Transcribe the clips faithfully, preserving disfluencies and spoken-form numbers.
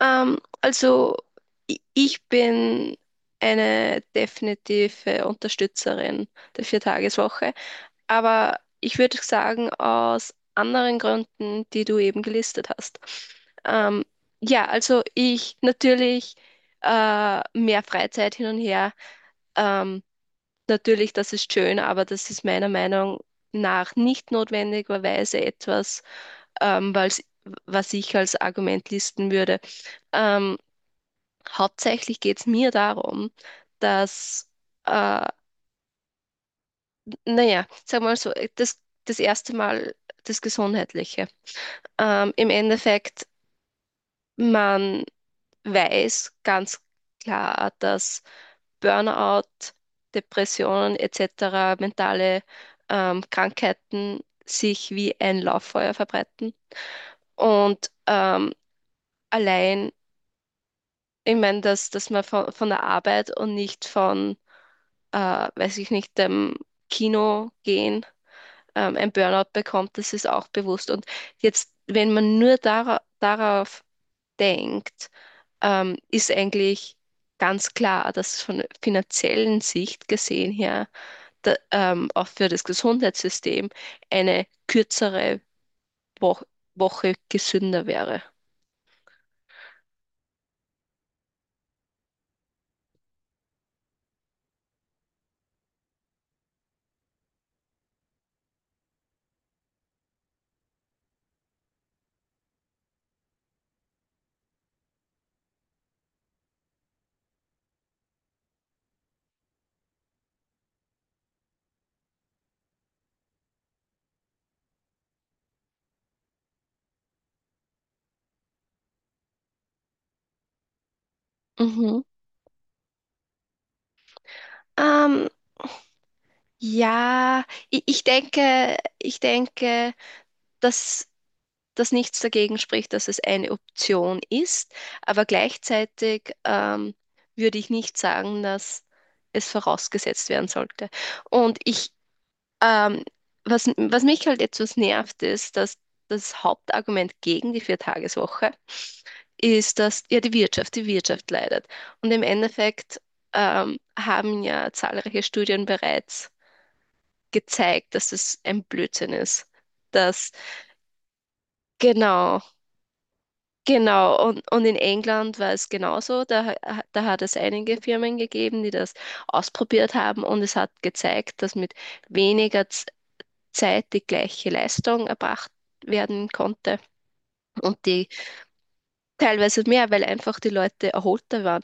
Ähm, also i- ich bin eine definitive Unterstützerin der Viertageswoche, aber ich würde sagen, aus anderen Gründen, die du eben gelistet hast. Ähm, ja, also ich natürlich äh, mehr Freizeit hin und her. Ähm, Natürlich, das ist schön, aber das ist meiner Meinung nach nicht notwendigerweise etwas, ähm, weil's- was ich als Argument listen würde. Ähm, Hauptsächlich geht es mir darum, dass äh, naja, sagen wir mal so, das, das erste Mal das Gesundheitliche. Ähm, im Endeffekt, man weiß ganz klar, dass Burnout, Depressionen et cetera, mentale ähm, Krankheiten sich wie ein Lauffeuer verbreiten. Und ähm, allein, ich meine, dass, dass man von, von der Arbeit und nicht von äh, weiß ich nicht, dem Kino gehen, ähm, ein Burnout bekommt, das ist auch bewusst. Und jetzt, wenn man nur dara darauf denkt, ähm, ist eigentlich ganz klar, dass von finanziellen Sicht gesehen her, da, ähm, auch für das Gesundheitssystem eine kürzere Wo Woche gesünder wäre. Mhm. Ähm, ja, ich, ich denke, ich denke, dass, dass nichts dagegen spricht, dass es eine Option ist, aber gleichzeitig ähm, würde ich nicht sagen, dass es vorausgesetzt werden sollte. Und ich, Ähm, was, was mich halt etwas nervt, ist, dass das Hauptargument gegen die Viertageswoche ist, dass ja die Wirtschaft, die Wirtschaft leidet. Und im Endeffekt ähm, haben ja zahlreiche Studien bereits gezeigt, dass es ein Blödsinn ist. Dass, genau, genau. Und, und in England war es genauso. Da, ha- da hat es einige Firmen gegeben, die das ausprobiert haben und es hat gezeigt, dass mit weniger Zeit die gleiche Leistung erbracht werden konnte und die teilweise mehr, weil einfach die Leute erholter waren.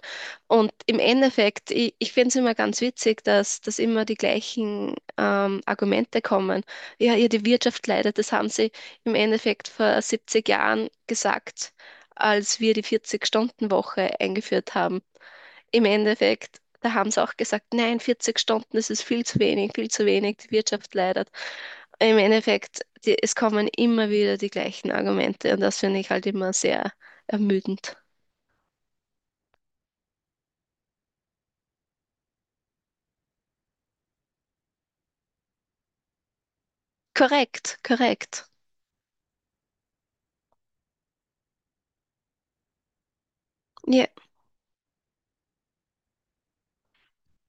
Und im Endeffekt, ich, ich finde es immer ganz witzig, dass, dass immer die gleichen ähm, Argumente kommen. Ja, ja, die Wirtschaft leidet, das haben sie im Endeffekt vor siebzig Jahren gesagt, als wir die vierzig-Stunden-Woche eingeführt haben. Im Endeffekt, da haben sie auch gesagt, nein, vierzig Stunden, das ist viel zu wenig, viel zu wenig, die Wirtschaft leidet im Endeffekt. Die, es kommen immer wieder die gleichen Argumente und das finde ich halt immer sehr ermüdend. Korrekt, korrekt. Ja,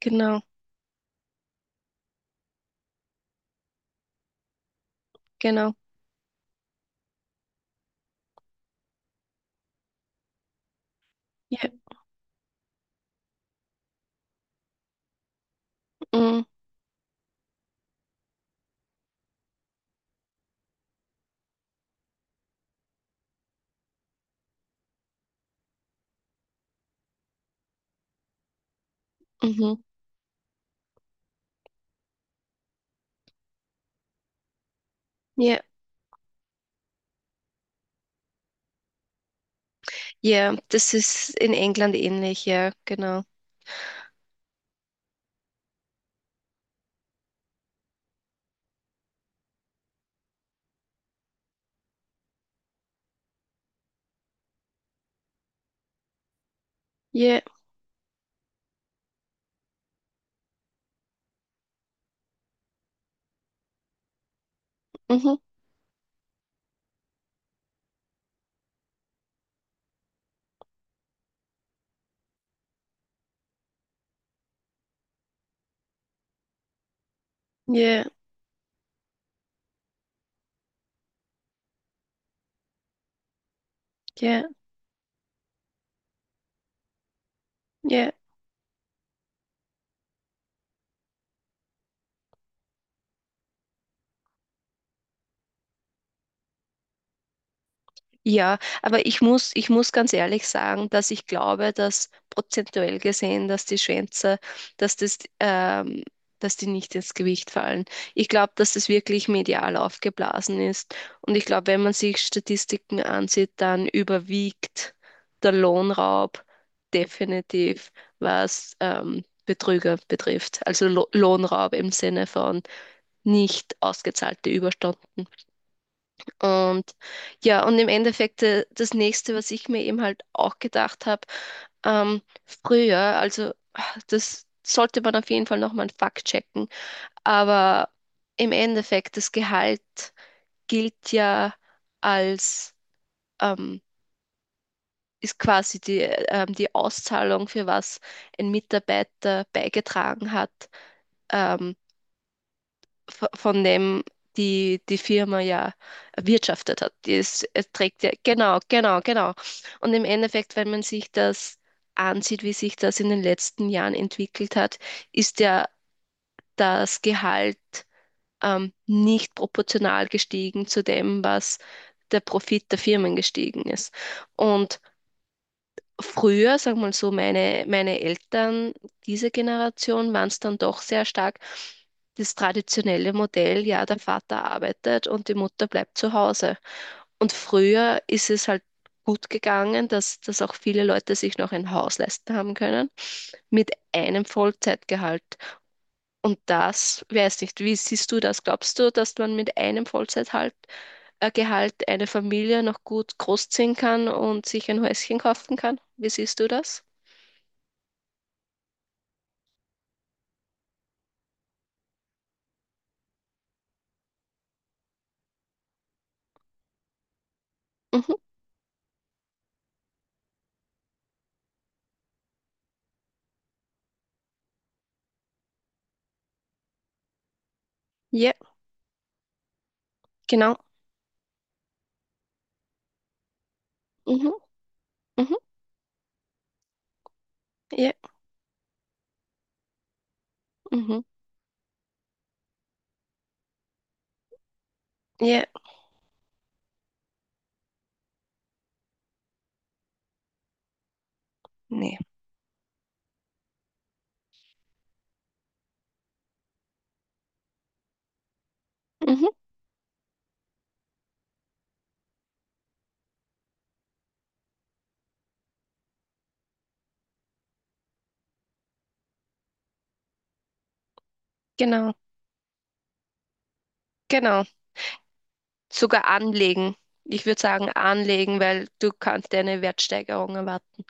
genau, genau. Ja, mm, mhm. Ja, ja, das ist in England ähnlich, ja, genau. Ja, mhm. Ja, ja, ja. Ja, aber ich muss, ich muss ganz ehrlich sagen, dass ich glaube, dass prozentuell gesehen, dass die Schwänze, dass das, ähm, dass die nicht ins Gewicht fallen. Ich glaube, dass das wirklich medial aufgeblasen ist. Und ich glaube, wenn man sich Statistiken ansieht, dann überwiegt der Lohnraub definitiv, was ähm, Betrüger betrifft. Also Lo Lohnraub im Sinne von nicht ausgezahlte Überstunden. Und ja, und im Endeffekt äh, das Nächste, was ich mir eben halt auch gedacht habe, ähm, früher, also ah, das sollte man auf jeden Fall nochmal einen Fakt checken, aber im Endeffekt das Gehalt gilt ja als, ähm, ist quasi die, äh, ähm, die Auszahlung, für was ein Mitarbeiter beigetragen hat. Ähm, v- von dem die, die Firma ja erwirtschaftet hat. Die ist, es trägt ja, genau, genau, genau. Und im Endeffekt, wenn man sich das ansieht, wie sich das in den letzten Jahren entwickelt hat, ist ja das Gehalt ähm, nicht proportional gestiegen zu dem, was der Profit der Firmen gestiegen ist. Und früher, sagen wir mal so, meine, meine Eltern, diese Generation, waren es dann doch sehr stark das traditionelle Modell, ja, der Vater arbeitet und die Mutter bleibt zu Hause. Und früher ist es halt gut gegangen, dass, dass auch viele Leute sich noch ein Haus leisten haben können mit einem Vollzeitgehalt. Und das, weiß nicht, wie siehst du das? Glaubst du, dass man mit einem Vollzeitgehalt äh, Gehalt eine Familie noch gut großziehen kann und sich ein Häuschen kaufen kann? Wie siehst du das? Mhm. Ja, genau. Mhm. Mhm. Ja. Mhm. Ja. Nee. Mhm. Genau. Genau. Sogar anlegen. Ich würde sagen anlegen, weil du kannst eine Wertsteigerung erwarten.